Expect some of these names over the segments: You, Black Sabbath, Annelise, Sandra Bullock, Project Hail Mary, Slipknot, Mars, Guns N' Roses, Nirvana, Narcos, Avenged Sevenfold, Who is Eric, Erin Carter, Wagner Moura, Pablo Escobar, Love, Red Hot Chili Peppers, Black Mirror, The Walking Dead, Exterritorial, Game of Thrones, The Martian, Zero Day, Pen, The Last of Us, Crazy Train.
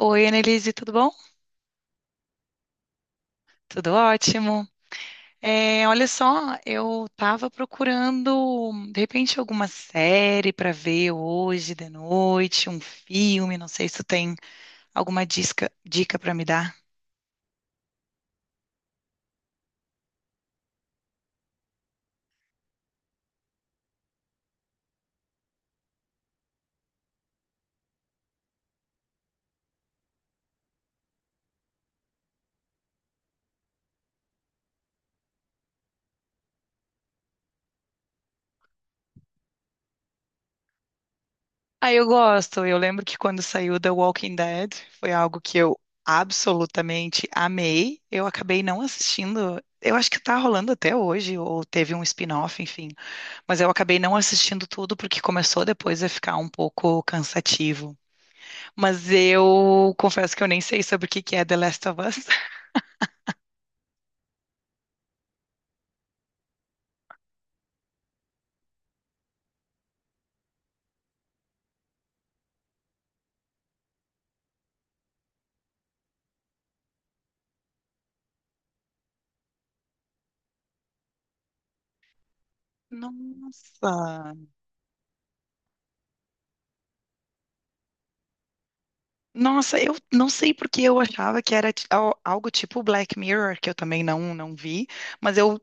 Oi, Annelise, tudo bom? Tudo ótimo. É, olha só, eu tava procurando, de repente, alguma série para ver hoje de noite, um filme, não sei se tu tem alguma dica para me dar. Ah, eu gosto. Eu lembro que quando saiu The Walking Dead, foi algo que eu absolutamente amei. Eu acabei não assistindo. Eu acho que tá rolando até hoje, ou teve um spin-off, enfim. Mas eu acabei não assistindo tudo porque começou depois a ficar um pouco cansativo. Mas eu confesso que eu nem sei sobre o que que é The Last of Us. Nossa. Nossa, eu não sei porque eu achava que era algo tipo Black Mirror, que eu também não, não vi, mas eu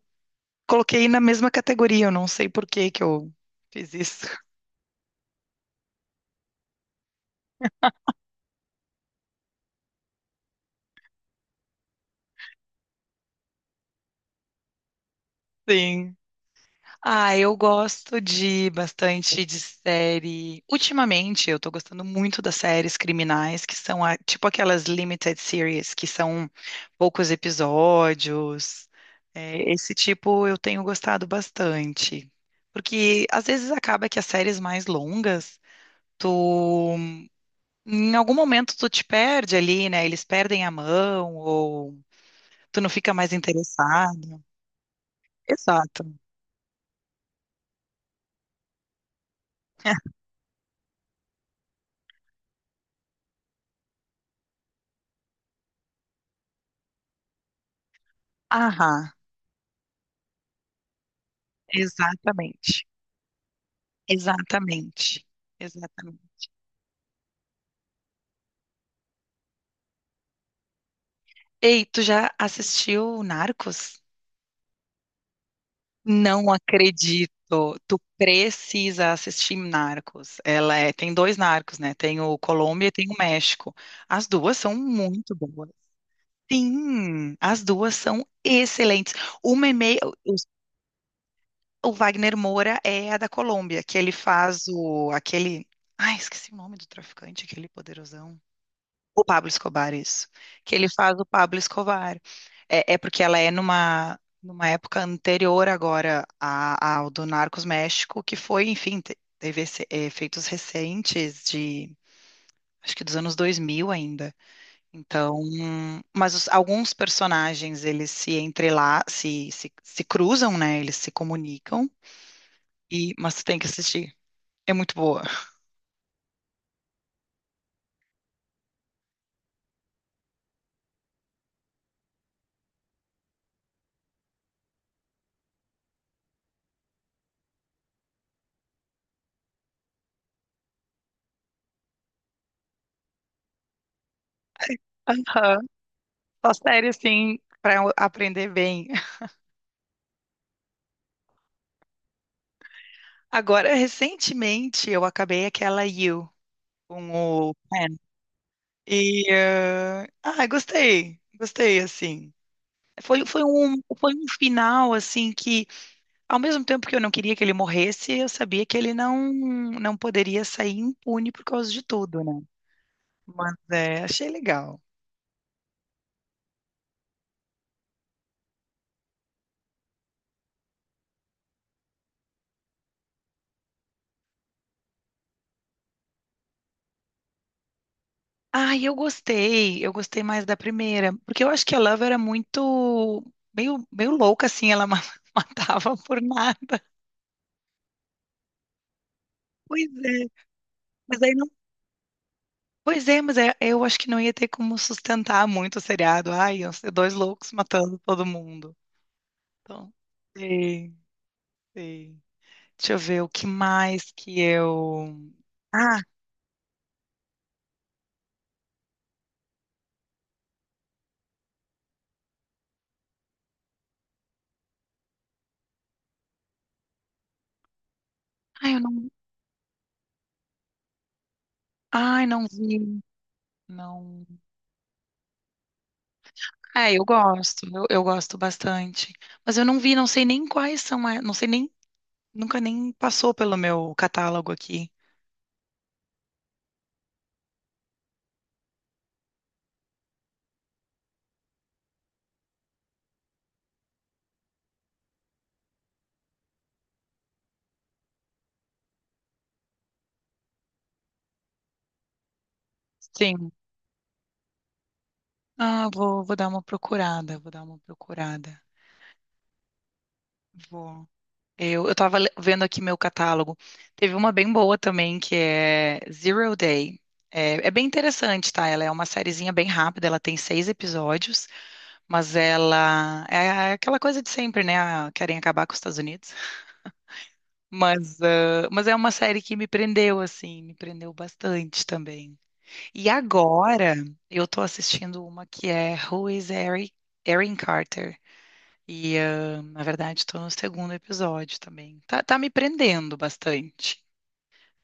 coloquei na mesma categoria, eu não sei por que que eu fiz isso. Sim. Ah, eu gosto de bastante de série. Ultimamente, eu tô gostando muito das séries criminais, que são tipo aquelas limited series, que são poucos episódios. É, esse tipo eu tenho gostado bastante. Porque às vezes acaba que as séries mais longas, tu em algum momento tu te perde ali, né? Eles perdem a mão ou tu não fica mais interessado. Exato. Aham, exatamente. Exatamente. Exatamente. Ei, tu já assistiu Narcos? Não acredito. Tu precisa assistir Narcos. Ela é, tem dois Narcos, né? Tem o Colômbia e tem o México. As duas são muito boas. Sim, as duas são excelentes. Uma é meio, o o Wagner Moura é a da Colômbia, que ele faz o aquele, ai, esqueci o nome do traficante, aquele poderosão. O Pablo Escobar, isso. Que ele faz o Pablo Escobar. É, porque ela é numa época anterior agora ao do Narcos México, que foi, enfim, teve efeitos recentes de, acho que dos anos 2000 ainda. Então, mas alguns personagens, eles se cruzam, né? Eles se comunicam, e, mas tu tem que assistir. É muito boa. Aham. Só série, assim, para aprender bem. Agora, recentemente, eu acabei aquela You com o Pen. Ah, gostei, gostei assim. Foi um final assim que, ao mesmo tempo que eu não queria que ele morresse, eu sabia que ele não não poderia sair impune por causa de tudo, né? Mas é, achei legal. Ah, eu gostei mais da primeira, porque eu acho que a Love era muito meio louca assim, ela matava por nada. Pois é. Mas aí pois é, mas eu acho que não ia ter como sustentar muito o seriado. Ai, iam ser dois loucos matando todo mundo. Então, sim, sim. Deixa eu ver o que mais que eu. Ah, ai, eu não. Ai, não vi. Não. É, eu gosto bastante. Mas eu não vi, não sei nem quais são, não sei nem, nunca nem passou pelo meu catálogo aqui. Sim. Ah, vou dar uma procurada, vou dar uma procurada. Vou. Eu tava vendo aqui meu catálogo. Teve uma bem boa também, que é Zero Day. É, bem interessante, tá? Ela é uma sériezinha bem rápida, ela tem seis episódios, mas ela é aquela coisa de sempre, né? Ah, querem acabar com os Estados Unidos. Mas, ah, mas é uma série que me prendeu, assim, me prendeu bastante também. E agora eu tô assistindo uma que é Who is Erin Carter? E, ah, na verdade, estou no segundo episódio também. Tá, me prendendo bastante.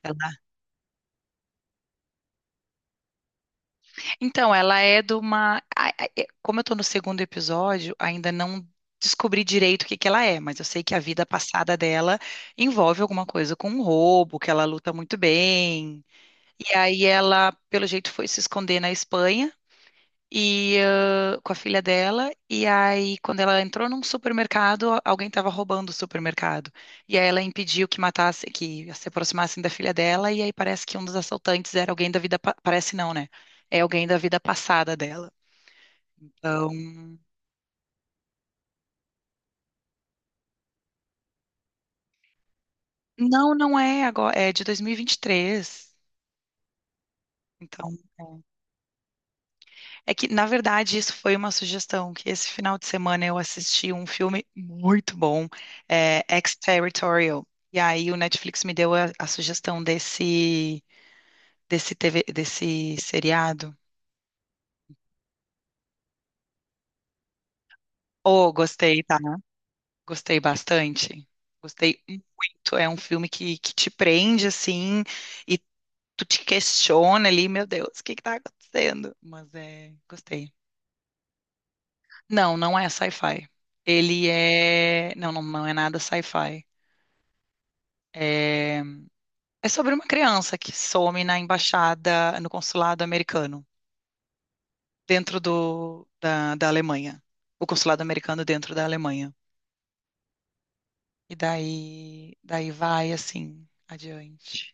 Ela- Então, ela é de uma. Como eu estou no segundo episódio, ainda não descobri direito o que que ela é, mas eu sei que a vida passada dela envolve alguma coisa com um roubo, que ela luta muito bem. E aí ela, pelo jeito, foi se esconder na Espanha, e com a filha dela. E aí, quando ela entrou num supermercado, alguém estava roubando o supermercado. E aí ela impediu que matasse, que se aproximassem da filha dela. E aí parece que um dos assaltantes era alguém da vida, parece não, né? É alguém da vida passada dela. Então, não, não é agora, é de dois mil e vinte e três. Então, é que, na verdade, isso foi uma sugestão, que esse final de semana eu assisti um filme muito bom, Exterritorial. E aí o Netflix me deu a sugestão desse TV, desse seriado. Oh, gostei, tá? Gostei bastante. Gostei muito. É um filme que te prende, assim, e tu te questiona ali, meu Deus, o que que tá acontecendo? Mas é, gostei. Não, não é sci-fi. Ele é. Não, não, não é nada sci-fi. É, é, sobre uma criança que some na embaixada, no consulado americano, dentro da Alemanha. O consulado americano dentro da Alemanha. Daí daí vai assim adiante.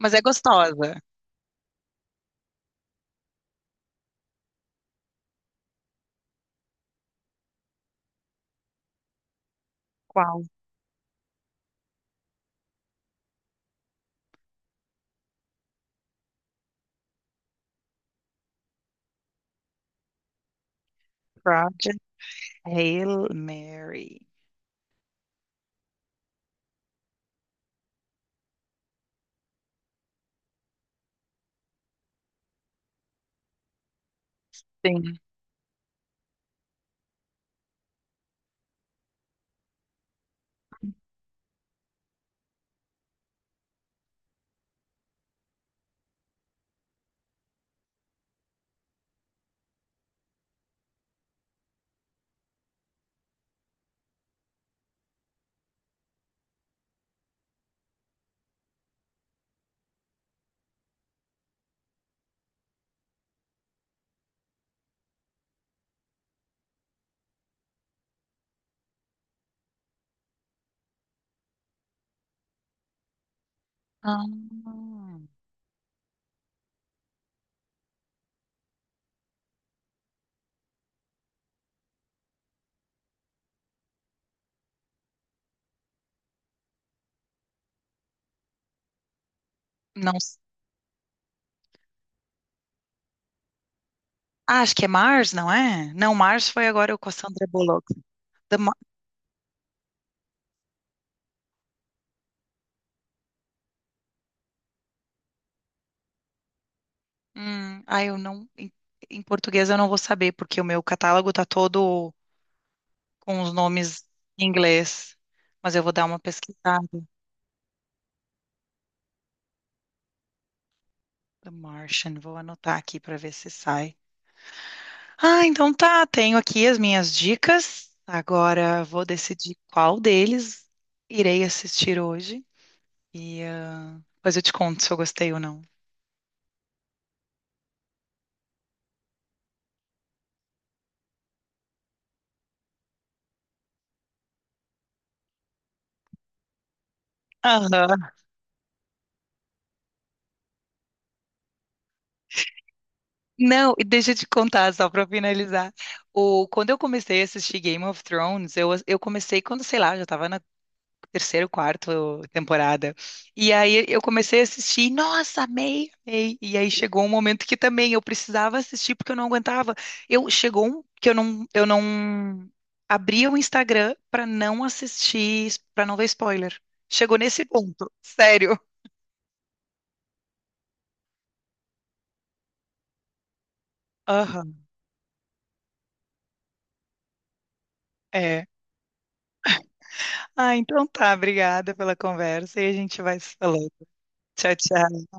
Mas é gostosa. Qual? Project Hail Mary. Sim. Ah, não, ah, acho que é Mars, não é? Não, Mars foi agora com a Sandra Bullock. The Ma- ah, eu não. Em português eu não vou saber, porque o meu catálogo tá todo com os nomes em inglês. Mas eu vou dar uma pesquisada. The Martian, vou anotar aqui para ver se sai. Ah, então tá, tenho aqui as minhas dicas. Agora vou decidir qual deles irei assistir hoje. E depois eu te conto se eu gostei ou não. Aham. Não, e deixa eu te contar só para finalizar. O, quando eu comecei a assistir Game of Thrones, eu comecei quando, sei lá, eu já estava terceiro, quarto temporada. E aí eu comecei a assistir, e, nossa, amei, amei. E aí chegou um momento que também eu precisava assistir porque eu não aguentava. Eu chegou um que eu não abria o Instagram para não assistir, para não ver spoiler. Chegou nesse ponto, sério. Aham, é. Ah, então tá, obrigada pela conversa e a gente vai se falando. Tchau, tchau.